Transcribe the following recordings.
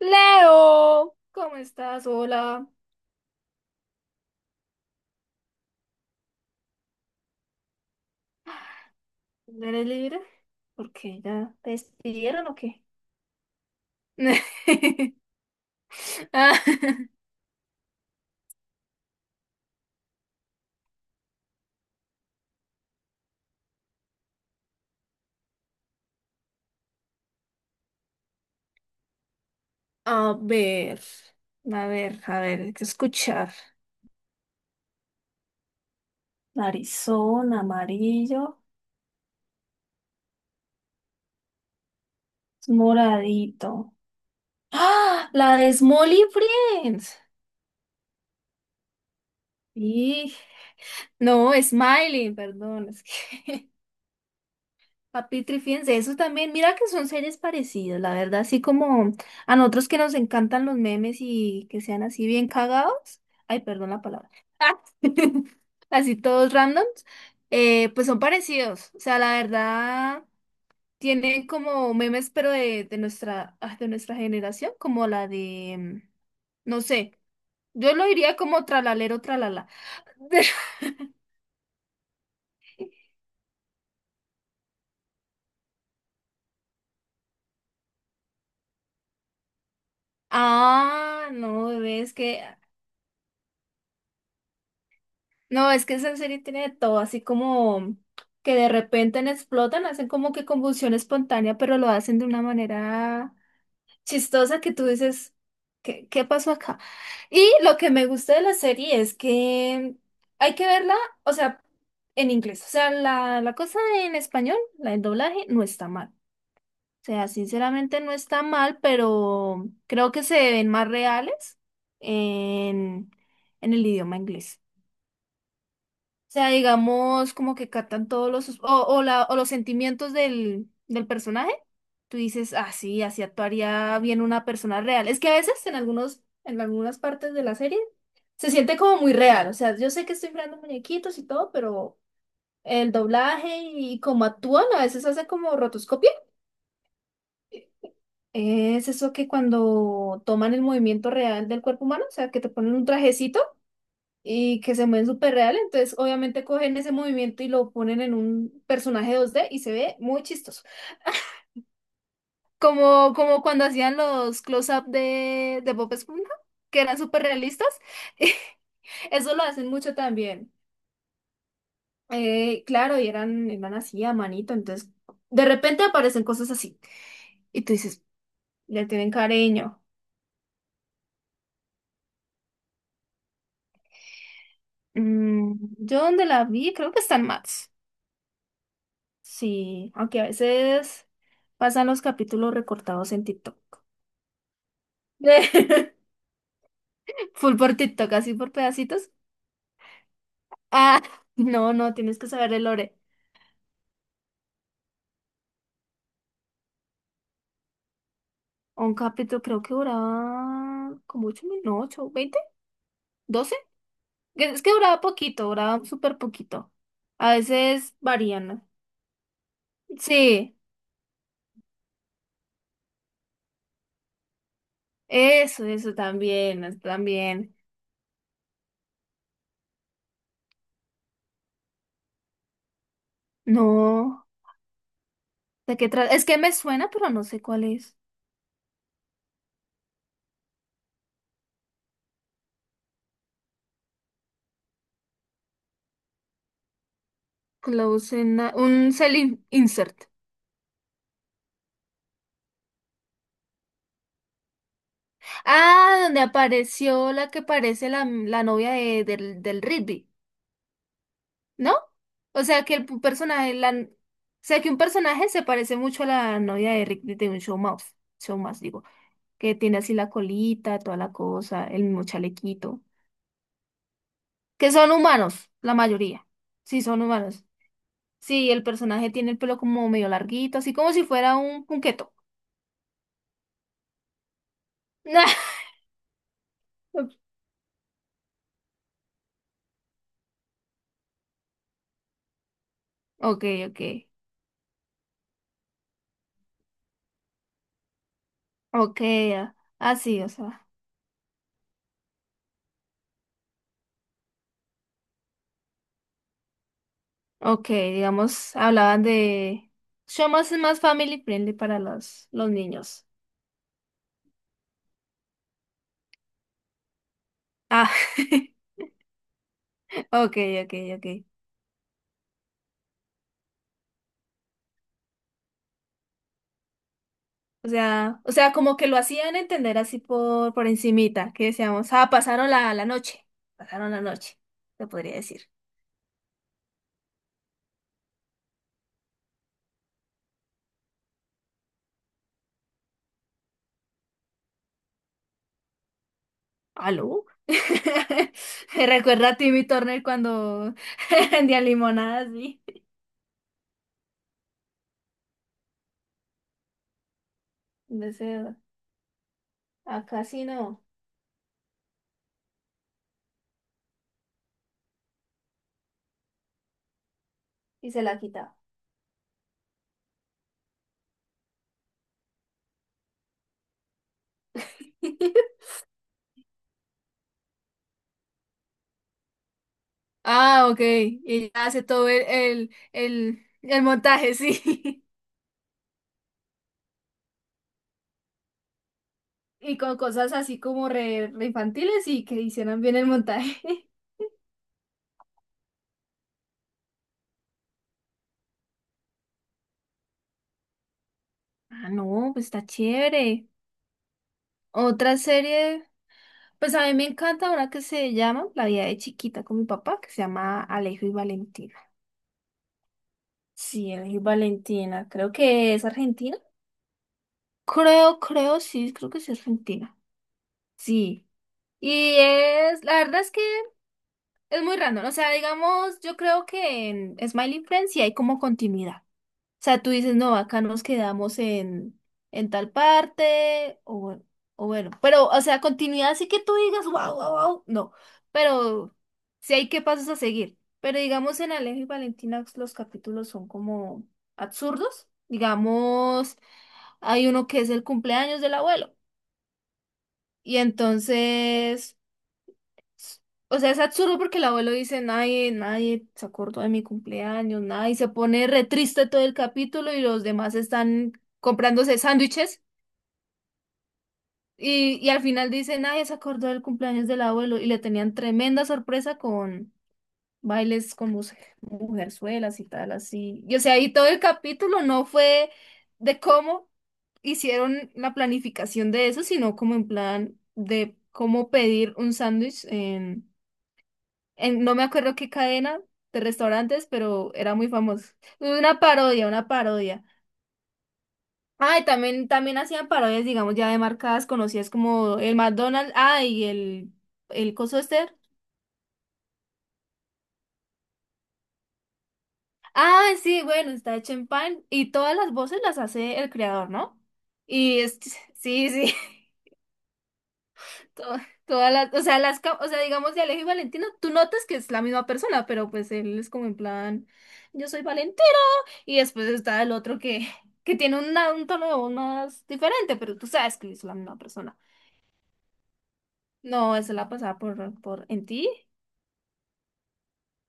Leo, ¿cómo estás? Hola. ¿No ¿Eres libre? ¿Por qué? ¿Ya te despidieron o qué? Ah, a ver, a ver, a ver, hay que escuchar. Narizón, amarillo, es moradito. ¡Ah! La de Smolly Friends. Sí, no, Smiley, perdón, es que Papitri, fíjense, eso también, mira que son seres parecidos, la verdad, así como a nosotros que nos encantan los memes y que sean así bien cagados, ay, perdón la palabra. Así todos randoms, pues son parecidos, o sea, la verdad, tienen como memes, pero de nuestra, de nuestra generación, como la de, no sé, yo lo diría como tralalero, tralala. Ah, no, bebé, es que no, es que esa serie tiene de todo, así como que de repente en explotan, hacen como que convulsión espontánea, pero lo hacen de una manera chistosa que tú dices, ¿qué pasó acá? Y lo que me gusta de la serie es que hay que verla, o sea, en inglés, o sea, la cosa en español, la del doblaje, no está mal. O sea, sinceramente no está mal, pero creo que se ven más reales en, en el idioma inglés, sea, digamos, como que captan todos los, sus- o, la, o los sentimientos del personaje. Tú dices, ah, sí, así actuaría bien una persona real. Es que a veces en algunas partes de la serie se siente como muy real. O sea, yo sé que estoy creando muñequitos y todo, pero el doblaje y cómo actúan, a veces hace como rotoscopia. Es eso que cuando toman el movimiento real del cuerpo humano, o sea, que te ponen un trajecito, y que se mueven súper real, entonces obviamente cogen ese movimiento y lo ponen en un personaje 2D y se ve muy chistoso. Como, como cuando hacían los close-up de Bob Esponja, que eran súper realistas. Eso lo hacen mucho también. Claro, y eran así a manito, entonces de repente aparecen cosas así y tú dices, le tienen cariño. Mm, yo donde la vi, creo que está en Max. Sí, aunque a veces pasan los capítulos recortados en TikTok. Full por TikTok, así por pedacitos. Ah, no, no, tienes que saber el lore. Un capítulo creo que duraba como 8 minutos, no, 8, 20. Que- Es que duraba poquito, duraba súper poquito. A veces varían, ¿no? Sí, eso también, también. No, ¿de qué trata? Es que me suena, pero no sé cuál es. Un selling insert. Ah, donde apareció la que parece la novia del Rigby. ¿No? O sea, que el personaje, la... O sea, que un personaje se parece mucho a la novia de Rick de un show mouse, digo, que tiene así la colita, toda la cosa, el mismo chalequito, que son humanos, la mayoría, sí, son humanos. Sí, el personaje tiene el pelo como medio larguito, así como si fuera un punqueto. Ok, ok, ok, ah, así, o sea, ok, digamos, hablaban de... Show mouse es más family friendly para los niños. Ah. Ok, ok, ok. O sea, como que lo hacían entender así por encimita, que decíamos, ah, pasaron la noche, pasaron la noche, se podría decir. ¿Aló? Me recuerda a Timmy Turner cuando vendía limonadas, sí. No sé, acá sí no, y se la quitaba. Ah, ok, y ella hace todo el montaje, sí. Y con cosas así como re, re infantiles y que hicieran bien el montaje. Ah, no, pues está chévere. Otra serie, pues a mí me encanta una que se llama La vida de chiquita con mi papá, que se llama Alejo y Valentina. Sí, Alejo y Valentina, creo que es Argentina. Creo, creo, sí, creo que sí es Argentina. Sí. Y es, la verdad es que es muy random. O sea, digamos, yo creo que en Smiling Friends sí hay como continuidad, sea, tú dices, no, acá nos quedamos en tal parte, o, o bueno, pero, o sea, continuidad así que tú digas, wow, wow, wow, no, pero sí hay que pasos a seguir. Pero digamos, en Alejo y Valentina los capítulos son como absurdos. Digamos, hay uno que es el cumpleaños del abuelo, y entonces... O sea, es absurdo porque el abuelo dice, nadie, nadie se acordó de mi cumpleaños, nadie, y se pone re triste todo el capítulo y los demás están comprándose sándwiches y al final dice, nadie se acordó del cumpleaños del abuelo y le tenían tremenda sorpresa con bailes con mujerzuelas y tal, así. Y o sea, y todo el capítulo no fue de cómo hicieron la planificación de eso, sino como en plan de cómo pedir un sándwich en- no me acuerdo qué cadena de restaurantes, pero era muy famoso. Una parodia, una parodia. Ah, y también, también hacían parodias, digamos, ya de marcas conocidas como el McDonald's, ah, y el coso este. Ah, sí, bueno, está hecho en pan y todas las voces las hace el creador, ¿no? Y es, sí, sí. to- Todas las, o sea, las, o sea, digamos de Alejo y Valentino, tú notas que es la misma persona, pero pues él es como en plan, yo soy Valentino. Y después está el otro que, tiene un tono de voz más diferente, pero tú sabes que es la misma persona. No, esa la pasaba por, en ti,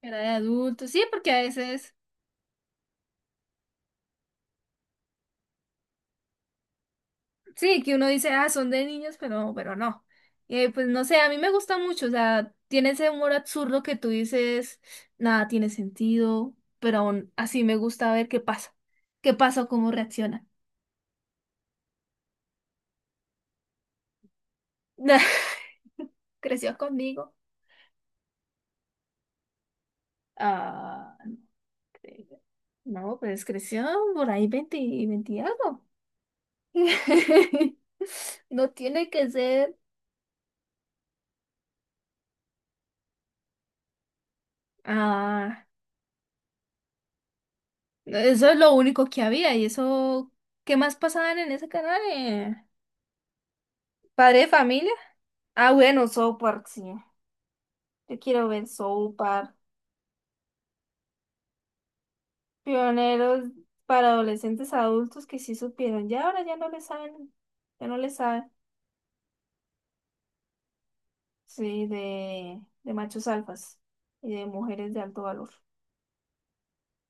era de adulto, sí, porque a veces, sí, que uno dice, ah, son de niños, pero, no. Pues no sé, a mí me gusta mucho, o sea, tiene ese humor absurdo que tú dices, nada tiene sentido, pero aún así me gusta ver qué pasa, o cómo reacciona. Creció conmigo. Ah, no. Eh, No, pues creció por ahí 20 y 20 y algo. No tiene que ser. Ah, eso es lo único que había. ¿Y eso qué más pasaban en ese canal? ¿Padre de familia? Ah, bueno, South Park, sí. Yo quiero ver South Park. Pioneros para adolescentes adultos que sí supieron. Ya ahora ya no le saben. Ya no le saben. Sí, de machos alfas y de mujeres de alto valor.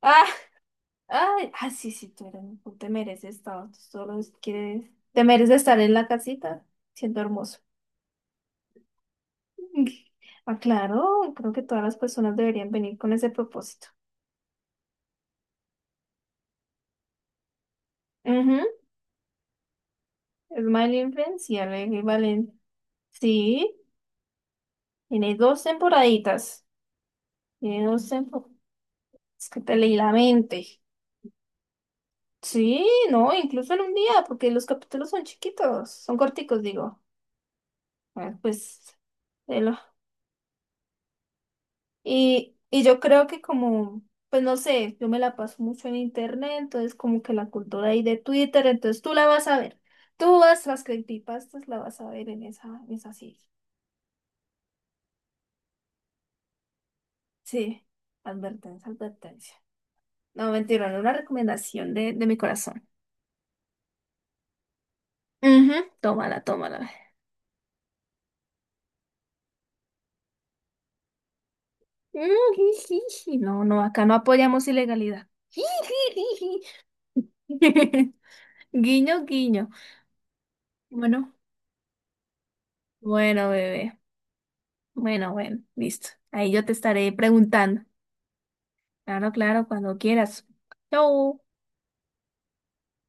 Ay, ah, sí, sí, tú eres, tú te mereces estar tú solo quieres, te mereces estar en la casita siendo hermoso. Ah, claro, creo que todas las personas deberían venir con ese propósito. Ujú. Es mal Influence y Alegre y. Sí, tiene dos temporaditas, tiene dos temporadas, es que te leí la mente. Sí, no, incluso en un día, porque los capítulos son chiquitos, son corticos, digo. Ah, pues, velo. Y yo creo que como, pues no sé, yo me la paso mucho en internet, entonces como que la cultura ahí de Twitter, entonces tú la vas a ver. Tú vas, las creepypastas la vas a ver en esa serie. Sí, advertencia, advertencia. No, mentira, no una recomendación de mi corazón. Ujú. Tómala, tómala. Mm, ji, ji, ji. No, no, acá no apoyamos ilegalidad. Ji, ji, ji, ji. Guiño, guiño. Bueno, bueno, bebé. Bueno, bueno, listo. Ahí yo te estaré preguntando. Claro, claro, cuando quieras. Chau.